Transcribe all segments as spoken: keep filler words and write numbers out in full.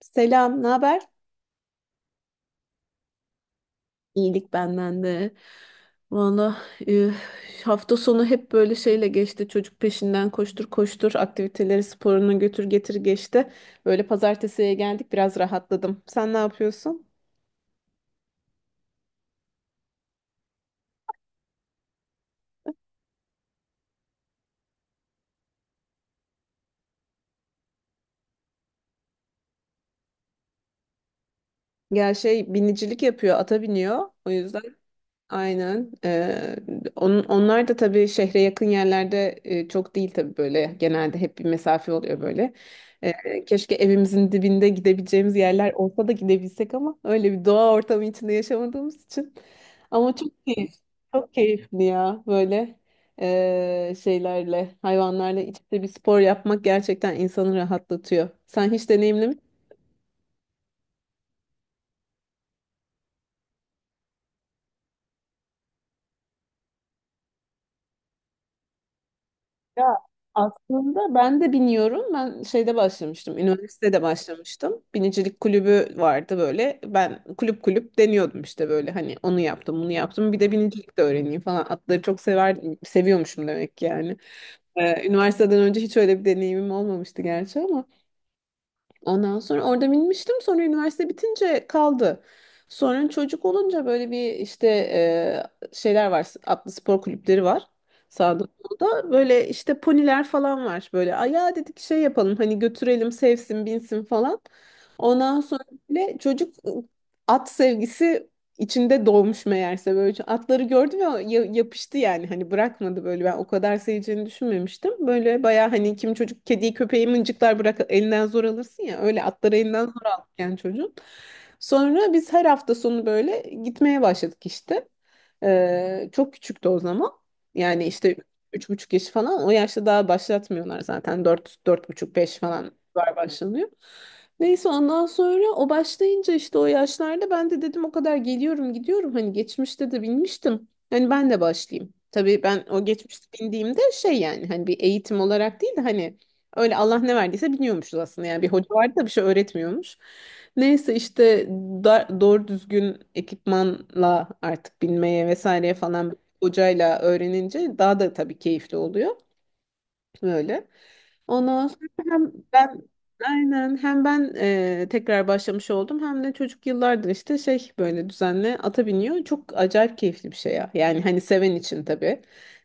Selam, ne haber? İyilik benden de. Valla e, hafta sonu hep böyle şeyle geçti. Çocuk peşinden koştur koştur, aktiviteleri sporunu götür getir geçti. Böyle pazartesiye geldik biraz rahatladım. Sen ne yapıyorsun? Gel şey binicilik yapıyor, ata biniyor. O yüzden aynen. Ee, on- onlar da tabii şehre yakın yerlerde e, çok değil tabii böyle. Genelde hep bir mesafe oluyor böyle. Ee, keşke evimizin dibinde gidebileceğimiz yerler olsa da gidebilsek ama öyle bir doğa ortamı içinde yaşamadığımız için. Ama çok keyif, çok keyifli ya böyle e, şeylerle, hayvanlarla iç içe bir spor yapmak gerçekten insanı rahatlatıyor. Sen hiç deneyimlemiş. Ya, aslında ben de biniyorum. Ben şeyde başlamıştım. Üniversitede başlamıştım. Binicilik kulübü vardı böyle. Ben kulüp kulüp deniyordum işte böyle hani onu yaptım, bunu yaptım. Bir de binicilik de öğreneyim falan. Atları çok sever seviyormuşum demek ki yani. Ee, üniversiteden önce hiç öyle bir deneyimim olmamıştı gerçi ama ondan sonra orada binmiştim. Sonra üniversite bitince kaldı. Sonra çocuk olunca böyle bir işte e, şeyler var. Atlı spor kulüpleri var. Sağda solda böyle işte poniler falan var. Böyle "Ay ya" dedik, şey yapalım hani götürelim sevsin binsin falan. Ondan sonra bile çocuk e, at sevgisi içinde doğmuş meğerse, böyle atları gördü ve ya- yapıştı yani hani bırakmadı böyle, ben o kadar seveceğini düşünmemiştim. Böyle baya, hani kim çocuk kediyi köpeği mıncıklar, bırak elinden zor alırsın ya, öyle atları elinden zor aldık yani çocuğun. Sonra biz her hafta sonu böyle gitmeye başladık işte. Ee, çok küçüktü o zaman. Yani işte üç buçuk yaş falan, o yaşta daha başlatmıyorlar zaten, dört, dört buçuk, beş falan var başlanıyor. Neyse ondan sonra o başlayınca işte o yaşlarda ben de dedim o kadar geliyorum gidiyorum, hani geçmişte de binmiştim. Hani ben de başlayayım. Tabii ben o geçmişte bindiğimde şey, yani hani bir eğitim olarak değil de hani öyle Allah ne verdiyse biniyormuşuz aslında. Yani bir hoca vardı da bir şey öğretmiyormuş. Neyse işte da- doğru düzgün ekipmanla artık binmeye vesaireye falan hocayla öğrenince daha da tabii keyifli oluyor. Böyle. Ondan sonra hem ben aynen, hem ben e, tekrar başlamış oldum, hem de çocuk yıllardır işte şey böyle düzenli ata biniyor. Çok acayip keyifli bir şey ya. Yani hani seven için tabii.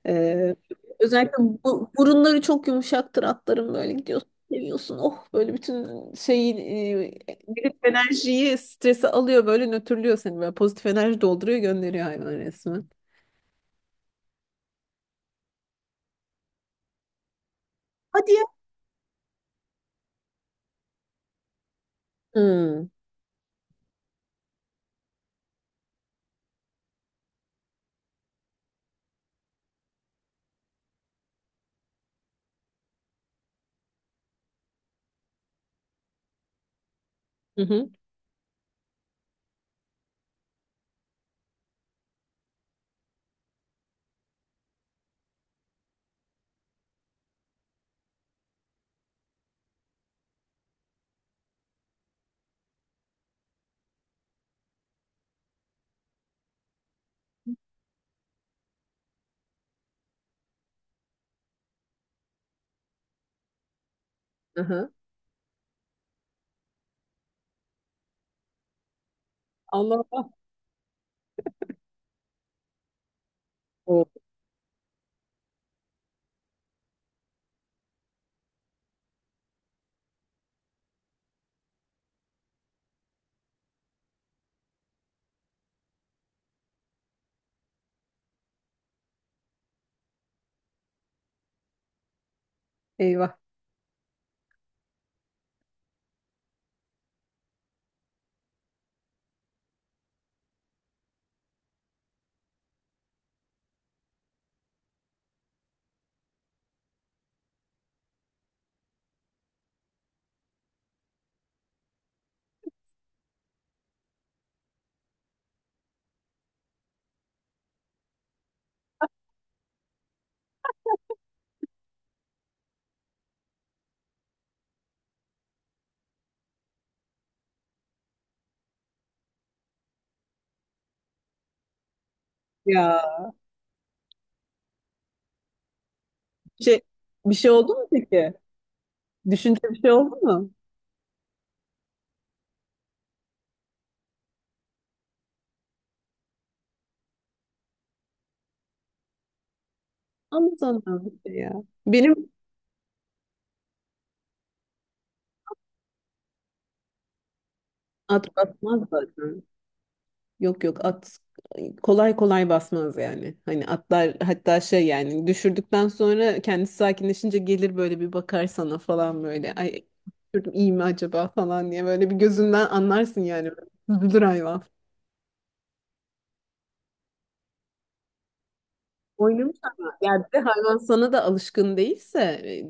E, özellikle bu, burunları çok yumuşaktır atların, böyle gidiyorsun seviyorsun. Oh, böyle bütün şeyi e, negatif enerjiyi, stresi alıyor, böyle nötrlüyor seni, böyle pozitif enerji dolduruyor, gönderiyor hayvan resmen. Hadi ya. Hmm. Hı hı. Hı hı. Allah Allah. Oh, eyvah. Ya, Bir şey, bir şey oldu mu peki? Düşünce bir şey oldu mu? Anlatamam bir şey ya. Benim at basmaz zaten. Yok yok, at kolay kolay basmaz yani. Hani atlar hatta şey, yani düşürdükten sonra kendisi sakinleşince gelir böyle bir bakar sana falan böyle. Ay, düşürdüm, iyi mi acaba falan diye, böyle bir gözünden anlarsın yani. Üzülür hayvan. Oynamış ama, yani bir de hayvan sana da alışkın değilse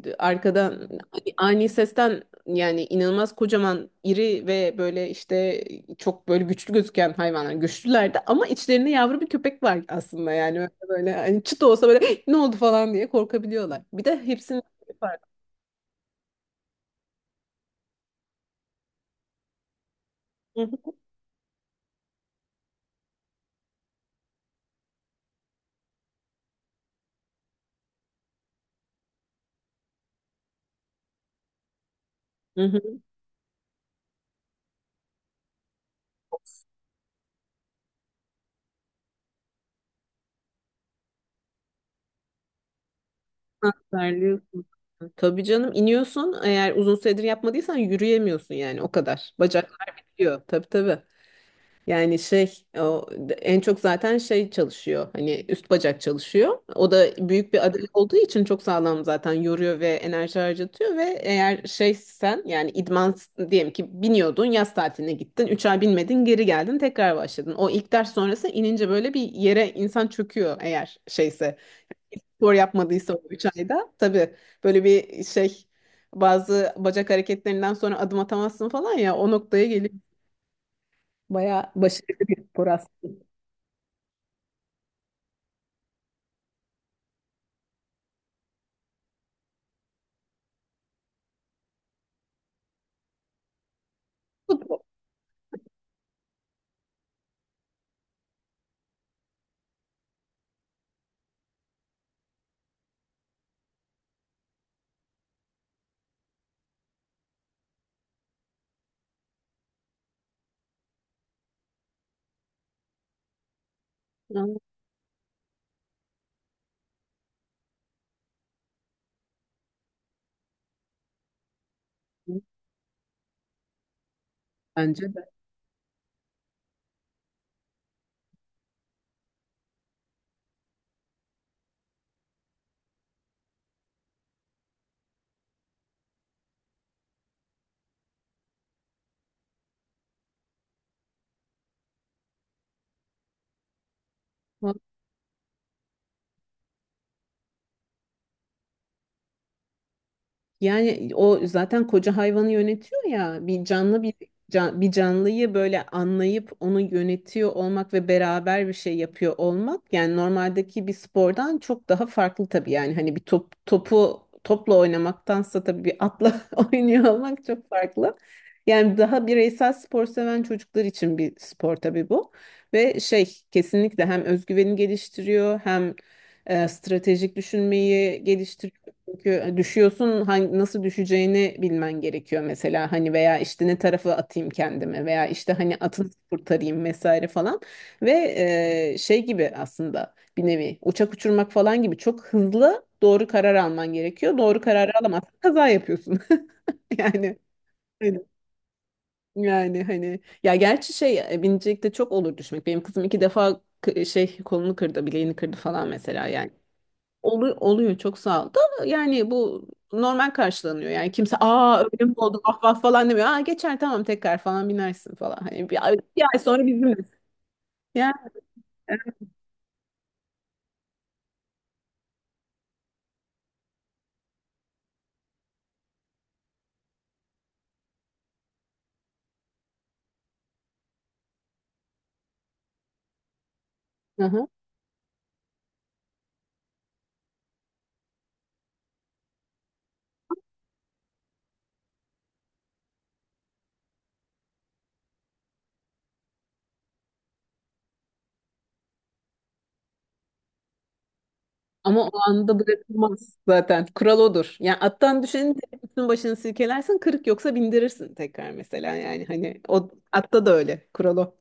e, arkadan hani ani sesten, yani inanılmaz kocaman iri ve böyle işte e, çok böyle güçlü gözüken hayvanlar, güçlülerdi ama içlerinde yavru bir köpek var aslında yani, öyle böyle hani çıt olsa böyle "Hey, ne oldu?" falan diye korkabiliyorlar. Bir de hepsinin. Hı hı. Hı hı. Ha, terliyorsun. Tabii canım iniyorsun, eğer uzun süredir yapmadıysan yürüyemiyorsun yani o kadar. Bacaklar bitiyor, tabii tabii. Yani şey, o en çok zaten şey çalışıyor, hani üst bacak çalışıyor. O da büyük bir adalet olduğu için çok sağlam, zaten yoruyor ve enerji harcatıyor ve eğer şey sen yani idman, diyelim ki biniyordun, yaz tatiline gittin, üç ay binmedin, geri geldin tekrar başladın. O ilk ders sonrası inince böyle bir yere insan çöküyor, eğer şeyse, spor yapmadıysa o üç ayda tabii, böyle bir şey bazı bacak hareketlerinden sonra adım atamazsın falan ya, o noktaya gelip bayağı başarılı bir spor aslında. Futbol. Anladım. Bence de. Yani o zaten koca hayvanı yönetiyor ya, bir canlı bir can- bir canlıyı böyle anlayıp onu yönetiyor olmak ve beraber bir şey yapıyor olmak, yani normaldeki bir spordan çok daha farklı tabii, yani hani bir top, topu topla oynamaktansa tabii bir atla oynuyor olmak çok farklı. Yani daha bireysel spor seven çocuklar için bir spor tabii bu. Ve şey, kesinlikle hem özgüveni geliştiriyor, hem e, stratejik düşünmeyi geliştiriyor, çünkü e, düşüyorsun, hangi, nasıl düşeceğini bilmen gerekiyor mesela, hani veya işte ne tarafa atayım kendimi, veya işte hani atını kurtarayım vesaire falan ve e, şey gibi aslında, bir nevi uçak uçurmak falan gibi çok hızlı doğru karar alman gerekiyor. Doğru kararı alamazsan kaza yapıyorsun. Yani hani- yani hani ya, gerçi şey e, binicilikte çok olur düşmek. Benim kızım iki defa k- şey, kolunu kırdı, bileğini kırdı falan mesela yani. Olu- oluyor, çok sağ ol. Da yani bu normal karşılanıyor. Yani kimse "Aa, öyle mi oldu, vah vah" falan demiyor. "Aa geçer, tamam tekrar falan binersin" falan. Hani bir, bir ay sonra bizimle. Ya, evet. Hı hı. Ama o anda bırakılmaz zaten. Kural odur. Yani attan düşeni de üstün başını silkelersin. Kırık yoksa bindirirsin tekrar mesela yani. Hani o atta da öyle. Kural o.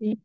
İyi.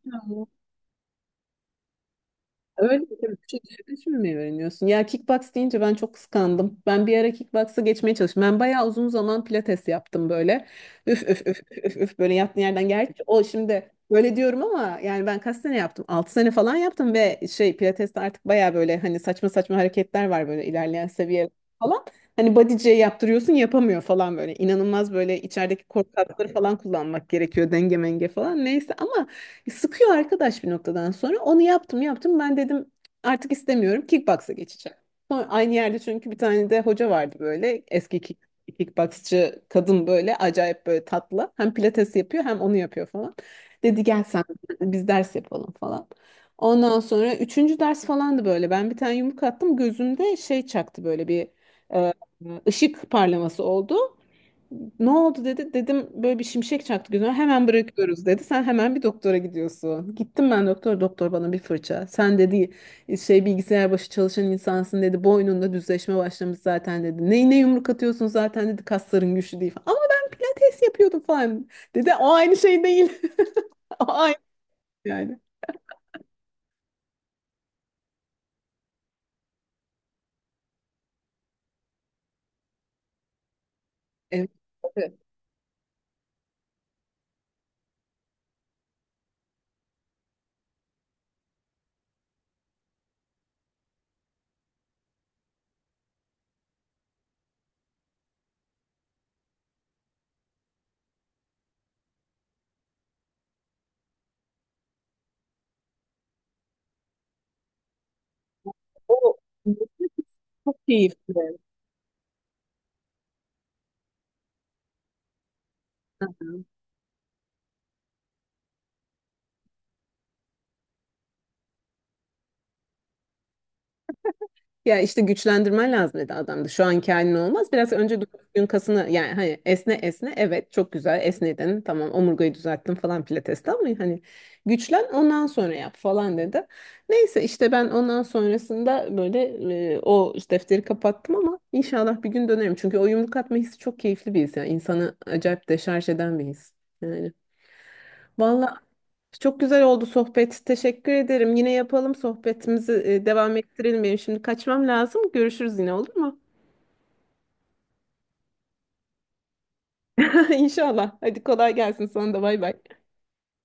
Öyle mi? Tabii küçük yaşta şimdi mi öğreniyorsun? Ya kickbox deyince ben çok kıskandım. Ben bir ara kickbox'a geçmeye çalıştım. Ben bayağı uzun zaman pilates yaptım böyle. Üf üf üf üf üf üf, böyle yattığın yerden. Gerçi o şimdi böyle diyorum ama yani ben kaç sene yaptım? Altı sene falan yaptım ve şey, pilateste artık bayağı böyle hani saçma saçma hareketler var böyle, ilerleyen seviye falan. Hani body'ciye yaptırıyorsun yapamıyor falan böyle. İnanılmaz, böyle içerideki korku kasları falan kullanmak gerekiyor, denge menge falan, neyse ama sıkıyor arkadaş bir noktadan sonra. Onu yaptım yaptım. Ben dedim artık istemiyorum. Kickbox'a geçeceğim. Sonra aynı yerde, çünkü bir tane de hoca vardı böyle. Eski kick, kickboxçı kadın, böyle acayip böyle tatlı. Hem pilates yapıyor hem onu yapıyor falan. Dedi gel, sen biz ders yapalım falan. Ondan sonra üçüncü ders falandı böyle. Ben bir tane yumruk attım. Gözümde şey çaktı, böyle bir e, ışık parlaması oldu. "Ne oldu?" dedi. Dedim böyle bir şimşek çaktı gözüme. "Hemen bırakıyoruz" dedi. "Sen hemen bir doktora gidiyorsun." Gittim ben doktor. Doktor bana bir fırça. "Sen" dedi, "şey, bilgisayar başı çalışan insansın" dedi. "Boynunda düzleşme başlamış zaten" dedi. "Neyine yumruk atıyorsun zaten" dedi. "Kasların güçlü değil" falan. "Ama ben pilates yapıyordum" falan. Dedi "o aynı şey değil". O aynı yani. Evet. Evet. O çok keyifli. Hı hı. Ya işte güçlendirmen lazım dedi adam da. Şu anki halin olmaz. Biraz önce durduğun kasını, yani hani esne esne, evet çok güzel esnedin. Tamam omurgayı düzelttin falan pilateste, ama hani güçlen ondan sonra yap falan dedi. Neyse işte ben ondan sonrasında böyle e, o işte, defteri kapattım, ama inşallah bir gün dönerim. Çünkü o yumruk atma hissi çok keyifli bir his. Yani insanı acayip deşarj eden bir his. Yani. Vallahi çok güzel oldu sohbet. Teşekkür ederim. Yine yapalım sohbetimizi, e, devam ettirelim. Benim şimdi kaçmam lazım. Görüşürüz yine, olur mu? İnşallah. Hadi kolay gelsin sana da, bay bay.